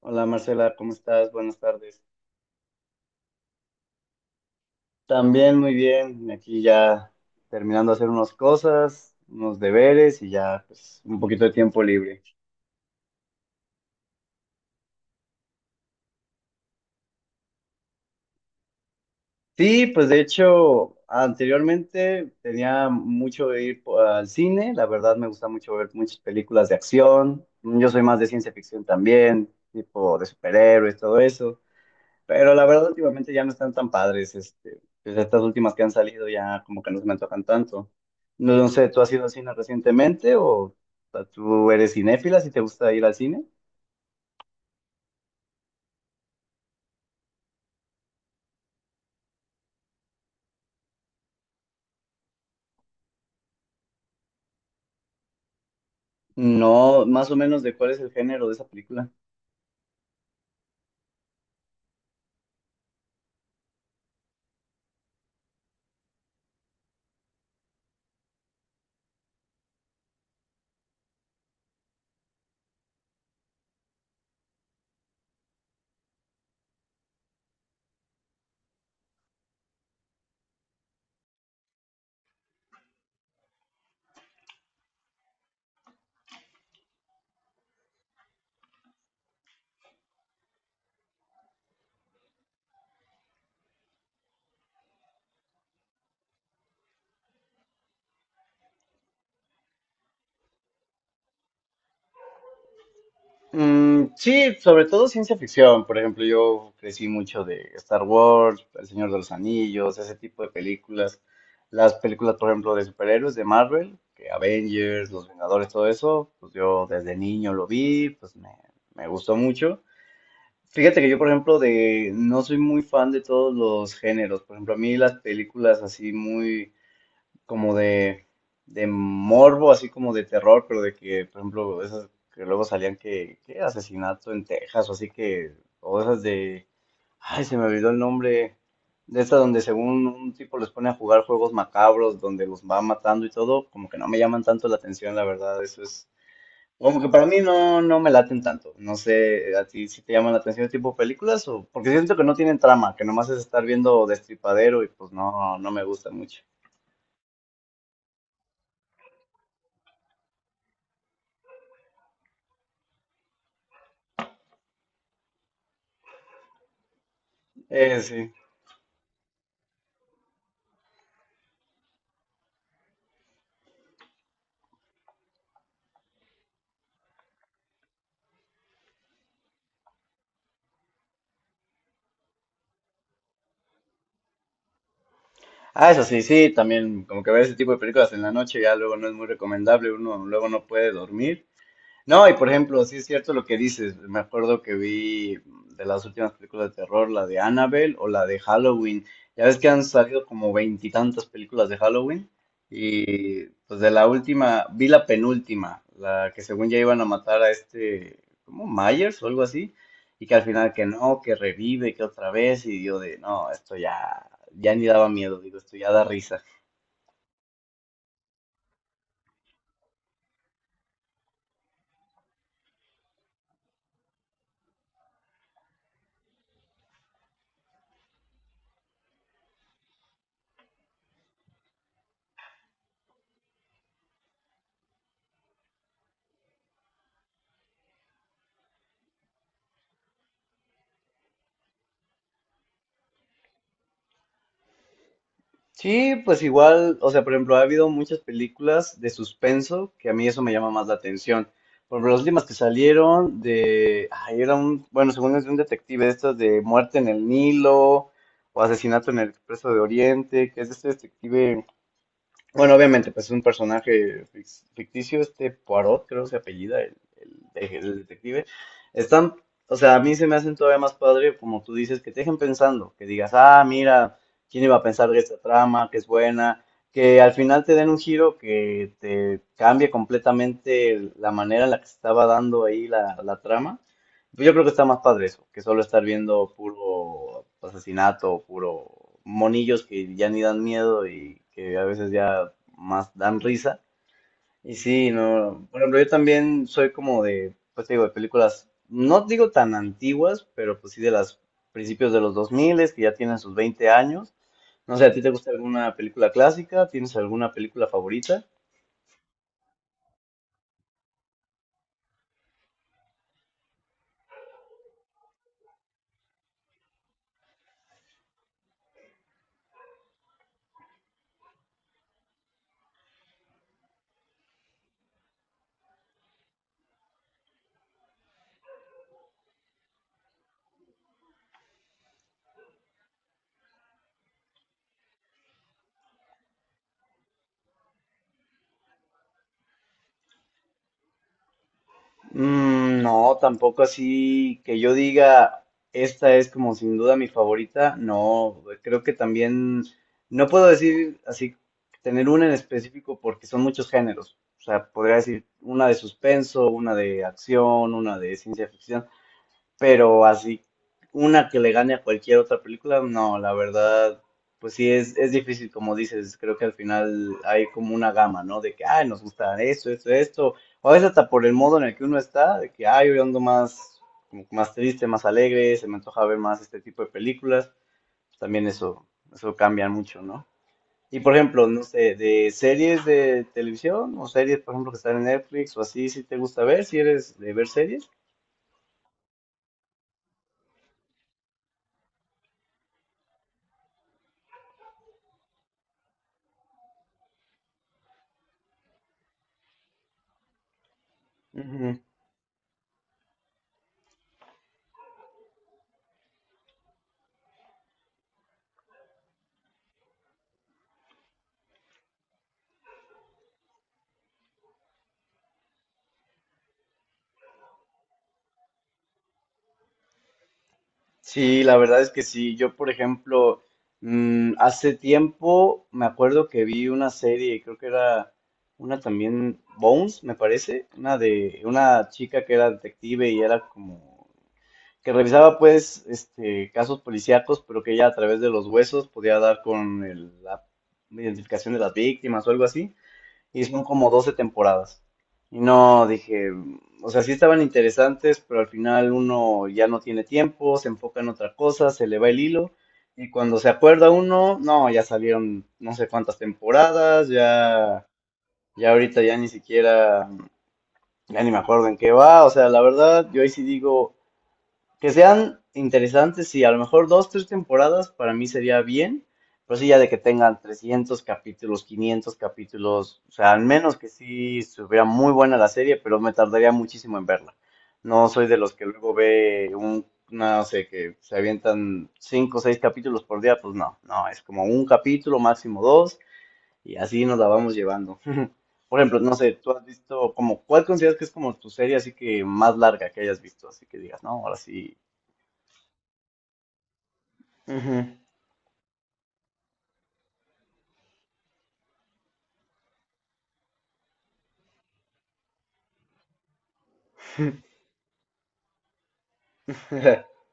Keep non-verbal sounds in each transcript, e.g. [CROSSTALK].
Hola Marcela, ¿cómo estás? Buenas tardes. También muy bien, aquí ya terminando de hacer unas cosas, unos deberes y ya pues un poquito de tiempo libre. Sí, pues de hecho anteriormente tenía mucho de ir al cine, la verdad me gusta mucho ver muchas películas de acción, yo soy más de ciencia ficción también, tipo de superhéroes, todo eso. Pero la verdad, últimamente ya no están tan padres. Pues estas últimas que han salido ya como que no se me antojan tanto. No, no sé, ¿tú has ido al cine recientemente o sea, tú eres cinéfila si te gusta ir al cine? No, más o menos de cuál es el género de esa película. Mm, sí, sobre todo ciencia ficción. Por ejemplo, yo crecí mucho de Star Wars, El Señor de los Anillos, ese tipo de películas. Las películas, por ejemplo, de superhéroes de Marvel, que Avengers, Los Vengadores, todo eso, pues yo desde niño lo vi, me gustó mucho. Fíjate que yo, por ejemplo, de no soy muy fan de todos los géneros. Por ejemplo, a mí las películas así muy como de, de morbo, así como de terror, pero de que, por ejemplo, esas que luego salían que asesinato en Texas o así que, o esas de, ay, se me olvidó el nombre, de estas donde según un tipo les pone a jugar juegos macabros, donde los va matando y todo, como que no me llaman tanto la atención, la verdad, eso es, como que para mí no, no me laten tanto, no sé, a ti si te llaman la atención ese tipo de películas, o, porque siento que no tienen trama, que nomás es estar viendo destripadero y pues no, no me gusta mucho. Sí. Ah, eso sí, sí, también como que ver ese tipo de películas en la noche ya luego no es muy recomendable, uno luego no puede dormir no, y por ejemplo, sí es cierto lo que dices. Me acuerdo que vi de las últimas películas de terror, la de Annabelle o la de Halloween. Ya ves que han salido como veintitantas películas de Halloween. Y pues de la última, vi la penúltima, la que según ya iban a matar a este, como Myers o algo así. Y que al final que no, que revive, que otra vez. Y yo de, no, esto ya, ya ni daba miedo, digo, esto ya da risa. Sí, pues igual, o sea, por ejemplo, ha habido muchas películas de suspenso que a mí eso me llama más la atención. Por ejemplo, las últimas que salieron de, ay, era un, bueno, según es de un detective, estas de Muerte en el Nilo o Asesinato en el Expreso de Oriente, que es de este detective bueno, obviamente, pues es un personaje ficticio, este Poirot, creo que se apellida, el detective. Están, o sea, a mí se me hacen todavía más padre, como tú dices, que te dejen pensando, que digas, ah, mira, ¿quién iba a pensar de esta trama, que es buena? Que al final te den un giro que te cambie completamente la manera en la que se estaba dando ahí la trama. Yo creo que está más padre eso, que solo estar viendo puro asesinato, puro monillos que ya ni dan miedo y que a veces ya más dan risa. Y sí, no, por ejemplo, yo también soy como de, pues te digo, de películas, no digo tan antiguas, pero pues sí de las principios de los 2000, que ya tienen sus 20 años. No sé, ¿a ti te gusta alguna película clásica? ¿Tienes alguna película favorita? Mm, no, tampoco así que yo diga, esta es como sin duda mi favorita. No, creo que también, no puedo decir así, tener una en específico porque son muchos géneros. O sea, podría decir una de suspenso, una de acción, una de ciencia ficción. Pero así, una que le gane a cualquier otra película, no, la verdad, pues sí, es difícil, como dices, creo que al final hay como una gama, ¿no? De que, ay, nos gusta esto, esto, esto, o a veces hasta por el modo en el que uno está, de que, ay, hoy ando más, como que más triste, más alegre, se me antoja ver más este tipo de películas, también eso cambia mucho, ¿no? Y por ejemplo, no sé, de series de televisión o series, por ejemplo, que están en Netflix o así, si te gusta ver, si eres de ver series. Sí, la verdad es que sí. Yo, por ejemplo, hace tiempo me acuerdo que vi una serie, creo que era una también, Bones, me parece, una de una chica que era detective y era como que revisaba pues este casos policíacos, pero que ella a través de los huesos podía dar con la identificación de las víctimas o algo así y son como 12 temporadas. Y no, dije, o sea, sí estaban interesantes, pero al final uno ya no tiene tiempo, se enfoca en otra cosa, se le va el hilo, y cuando se acuerda uno, no, ya salieron no sé cuántas temporadas, ya, ya ahorita ya ni siquiera, ya ni me acuerdo en qué va, o sea, la verdad, yo ahí sí digo, que sean interesantes, sí, a lo mejor dos, tres temporadas para mí sería bien, pero sí ya de que tengan 300 capítulos, 500 capítulos, o sea, al menos que sí estuviera muy buena la serie, pero me tardaría muchísimo en verla. No soy de los que luego ve un, no sé, que se avientan cinco o seis capítulos por día, pues no, no, es como un capítulo, máximo dos, y así nos la vamos llevando. [LAUGHS] Por ejemplo, no sé, tú has visto como, ¿cuál consideras que es como tu serie así que más larga que hayas visto? Así que digas, no, ahora sí, Ujú. [LAUGHS]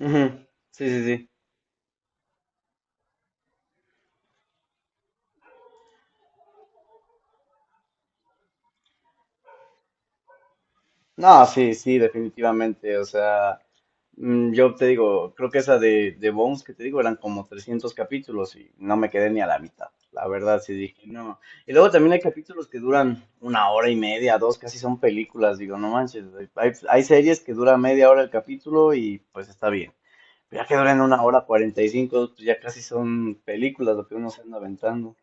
Ujú. Sí, sí, sí. No, sí, sí, definitivamente. O sea, yo te digo, creo que esa de Bones que te digo eran como 300 capítulos y no me quedé ni a la mitad. La verdad, sí dije, no. Y luego también hay capítulos que duran una hora y media, dos, casi son películas. Digo, no manches, hay series que duran media hora el capítulo y pues está bien. Pero ya que duran una hora 45, pues ya casi son películas lo que uno se anda aventando.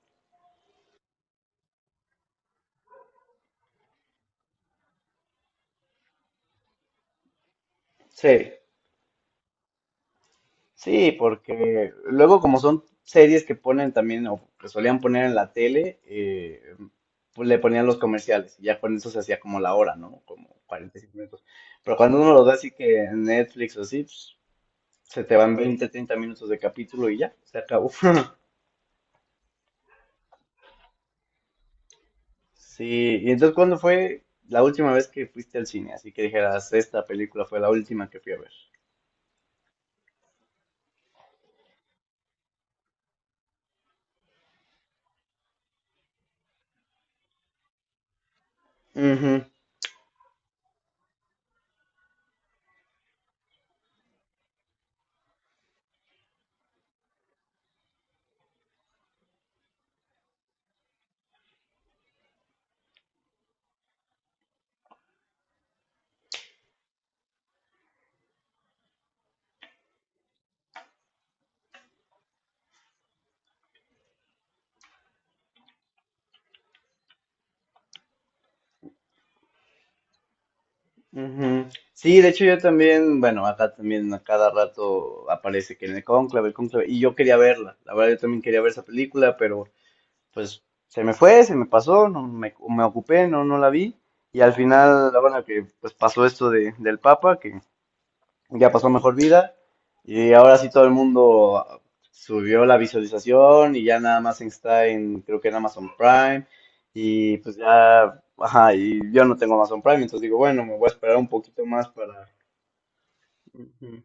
Sí. Sí, porque luego como son series que ponen también o que solían poner en la tele, pues le ponían los comerciales y ya con eso se hacía como la hora, ¿no? Como 45 minutos. Pero cuando uno lo ve así que en Netflix o así, pues, se te van 20, 30 minutos de capítulo y ya, se acabó. [LAUGHS] Sí, y entonces ¿cuándo fue la última vez que fuiste al cine? Así que dijeras, esta película fue la última que fui a ver. Ujú. Ujú. Sí, de hecho yo también, bueno, acá también a cada rato aparece que en el cónclave, y yo quería verla, la verdad yo también quería ver esa película, pero pues se me fue, se me pasó, no me, me ocupé, no, no la vi, y al final, bueno, que pues pasó esto de, del Papa, que ya pasó a mejor vida y ahora sí todo el mundo subió la visualización y ya nada más está en, creo que en Amazon Prime y pues ya, ajá, y yo no tengo Amazon Prime, entonces digo, bueno, me voy a esperar un poquito más para... Ujú.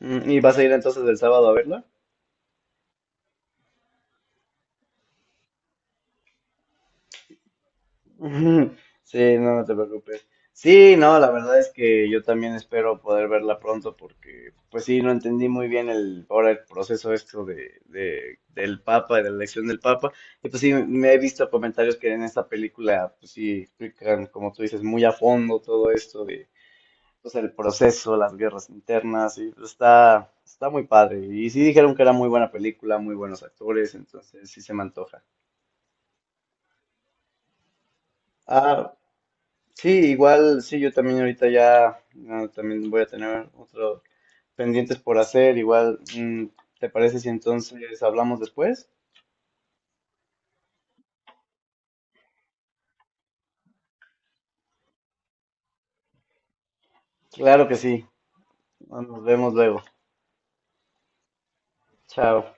Mm, ¿y vas a ir entonces el sábado a verla? [LAUGHS] Sí, no, no te preocupes. Sí, no, la verdad es que yo también espero poder verla pronto porque, pues sí, no entendí muy bien el, ahora el proceso esto de, del Papa, de la elección del Papa. Y pues sí, me he visto comentarios que en esta película, pues sí, explican, como tú dices, muy a fondo todo esto de, pues el proceso, las guerras internas, y pues, está, está muy padre. Y sí dijeron que era muy buena película, muy buenos actores, entonces sí se me antoja. Ah, sí, igual, sí, yo también ahorita ya ah, también voy a tener otros pendientes por hacer. Igual, ¿te parece si entonces hablamos después? Claro que sí. Nos vemos luego. Chao.